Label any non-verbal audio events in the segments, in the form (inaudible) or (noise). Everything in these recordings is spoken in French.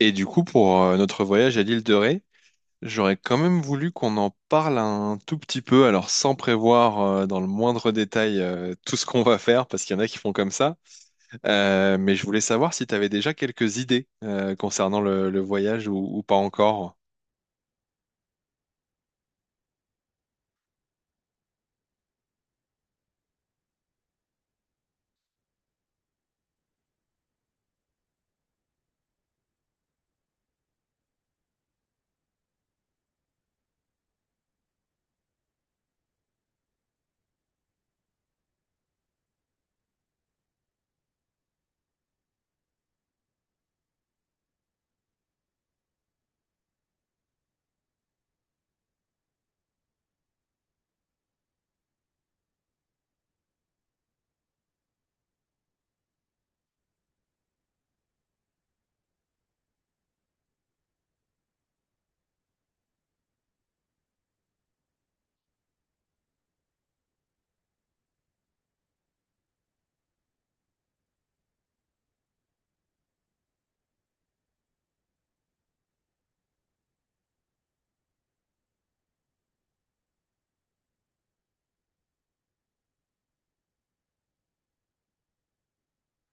Et du coup, pour notre voyage à l'île de Ré, j'aurais quand même voulu qu'on en parle un tout petit peu, alors sans prévoir dans le moindre détail tout ce qu'on va faire, parce qu'il y en a qui font comme ça. Mais je voulais savoir si tu avais déjà quelques idées concernant le voyage ou pas encore.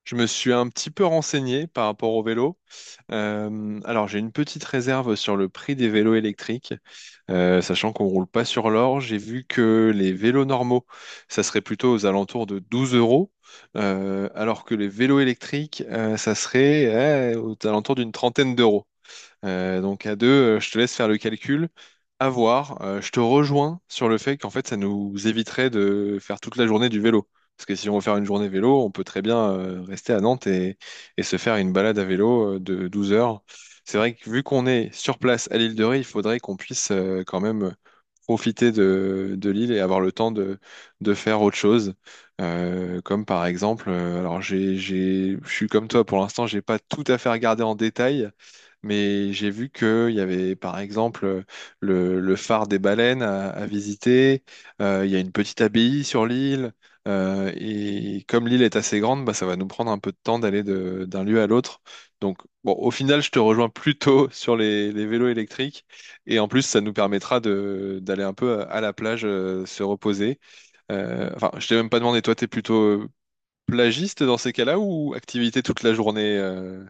Je me suis un petit peu renseigné par rapport au vélo. Alors, j'ai une petite réserve sur le prix des vélos électriques, sachant qu'on roule pas sur l'or. J'ai vu que les vélos normaux, ça serait plutôt aux alentours de 12 euros, alors que les vélos électriques, ça serait aux alentours d'une trentaine d'euros. Donc à deux, je te laisse faire le calcul. À voir. Je te rejoins sur le fait qu'en fait, ça nous éviterait de faire toute la journée du vélo. Parce que si on veut faire une journée vélo, on peut très bien rester à Nantes et se faire une balade à vélo de 12 heures. C'est vrai que vu qu'on est sur place à l'île de Ré, il faudrait qu'on puisse quand même profiter de l'île et avoir le temps de faire autre chose. Comme par exemple, alors je suis comme toi, pour l'instant, j'ai pas tout à fait regardé en détail, mais j'ai vu qu'il y avait, par exemple, le phare des baleines à visiter. Il y a une petite abbaye sur l'île. Et comme l'île est assez grande, bah, ça va nous prendre un peu de temps d'aller d'un lieu à l'autre. Donc, bon, au final, je te rejoins plutôt (laughs) sur les vélos électriques. Et en plus, ça nous permettra d'aller un peu à la plage, se reposer. Enfin, je t'ai même pas demandé, toi, t'es plutôt plagiste dans ces cas-là ou activité toute la journée?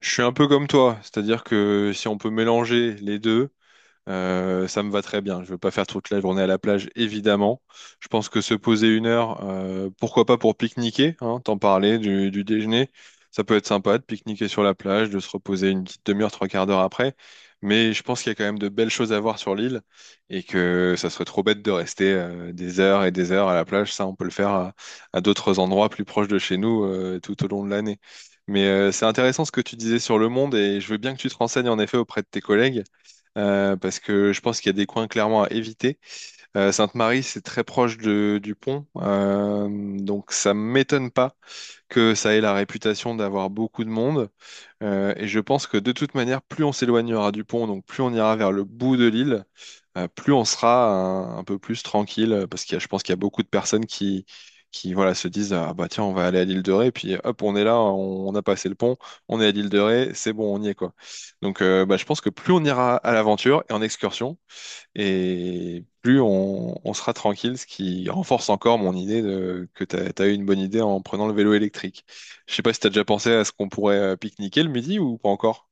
Je suis un peu comme toi, c'est-à-dire que si on peut mélanger les deux, ça me va très bien. Je veux pas faire toute la journée à la plage, évidemment. Je pense que se poser 1 heure, pourquoi pas pour pique-niquer, hein, t'en parlais du déjeuner. Ça peut être sympa de pique-niquer sur la plage, de se reposer une petite demi-heure, trois quarts d'heure après. Mais je pense qu'il y a quand même de belles choses à voir sur l'île et que ça serait trop bête de rester des heures et des heures à la plage. Ça, on peut le faire à d'autres endroits plus proches de chez nous tout au long de l'année. Mais c'est intéressant ce que tu disais sur le monde et je veux bien que tu te renseignes en effet auprès de tes collègues parce que je pense qu'il y a des coins clairement à éviter. Sainte-Marie, c'est très proche du pont, donc ça m'étonne pas que ça ait la réputation d'avoir beaucoup de monde. Et je pense que de toute manière, plus on s'éloignera du pont, donc plus on ira vers le bout de l'île, plus on sera un peu plus tranquille, parce que je pense qu'il y a beaucoup de personnes qui voilà, se disent, ah bah tiens, on va aller à l'île de Ré, puis hop, on est là, on a passé le pont, on est à l'île de Ré, c'est bon, on y est quoi. Donc bah, je pense que plus on ira à l'aventure et en excursion, et plus on sera tranquille, ce qui renforce encore mon idée que t'as eu une bonne idée en prenant le vélo électrique. Je sais pas si t'as déjà pensé à ce qu'on pourrait pique-niquer le midi ou pas encore.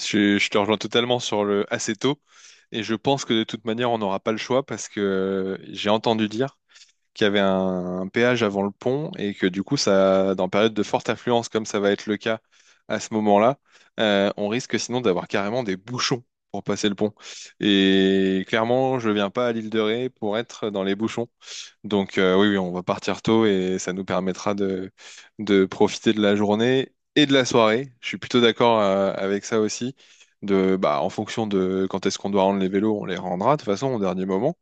Je te rejoins totalement sur le assez tôt, et je pense que de toute manière on n'aura pas le choix parce que j'ai entendu dire qu'il y avait un péage avant le pont et que du coup, ça, dans période de forte affluence, comme ça va être le cas à ce moment-là, on risque sinon d'avoir carrément des bouchons pour passer le pont. Et clairement, je viens pas à l'île de Ré pour être dans les bouchons. Donc oui, oui, on va partir tôt et ça nous permettra de profiter de la journée et de la soirée. Je suis plutôt d'accord avec ça aussi. Bah, en fonction de quand est-ce qu'on doit rendre les vélos, on les rendra de toute façon au dernier moment.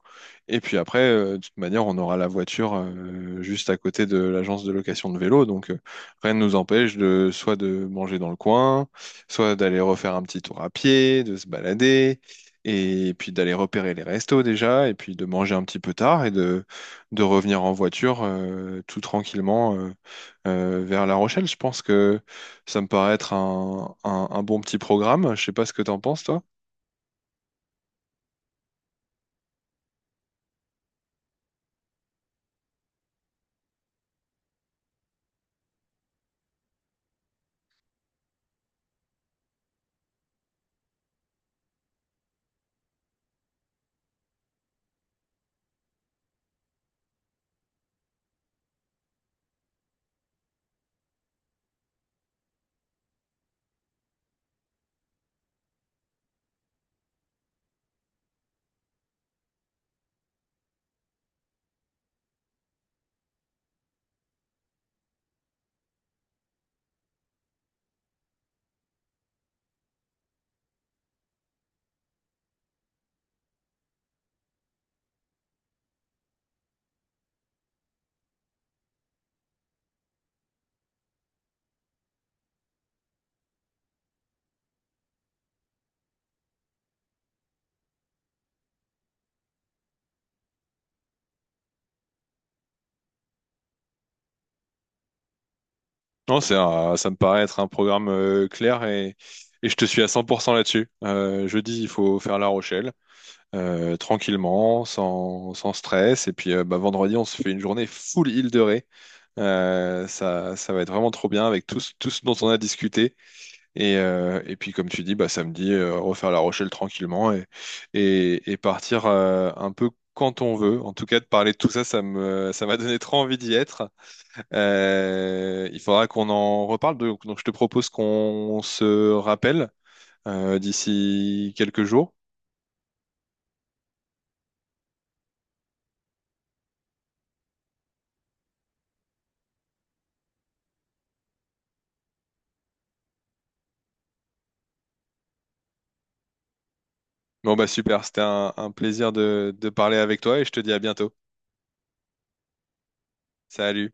Et puis après, de toute manière, on aura la voiture juste à côté de l'agence de location de vélos. Donc rien ne nous empêche de soit de manger dans le coin, soit d'aller refaire un petit tour à pied, de se balader, et puis d'aller repérer les restos déjà, et puis de manger un petit peu tard et de revenir en voiture tout tranquillement vers La Rochelle. Je pense que ça me paraît être un bon petit programme. Je sais pas ce que t'en penses, toi. Non, ça me paraît être un programme clair et je te suis à 100% là-dessus. Jeudi, il faut faire La Rochelle tranquillement, sans stress. Et puis bah, vendredi, on se fait une journée full île de Ré. Ça, ça va être vraiment trop bien avec tout, tout ce dont on a discuté. Et puis, comme tu dis, bah, samedi, refaire La Rochelle tranquillement et partir un peu quand on veut. En tout cas, de parler de tout ça, ça m'a donné trop envie d'y être. Il faudra qu'on en reparle. Donc, je te propose qu'on se rappelle d'ici quelques jours. Bon, bah super, c'était un plaisir de parler avec toi et je te dis à bientôt. Salut.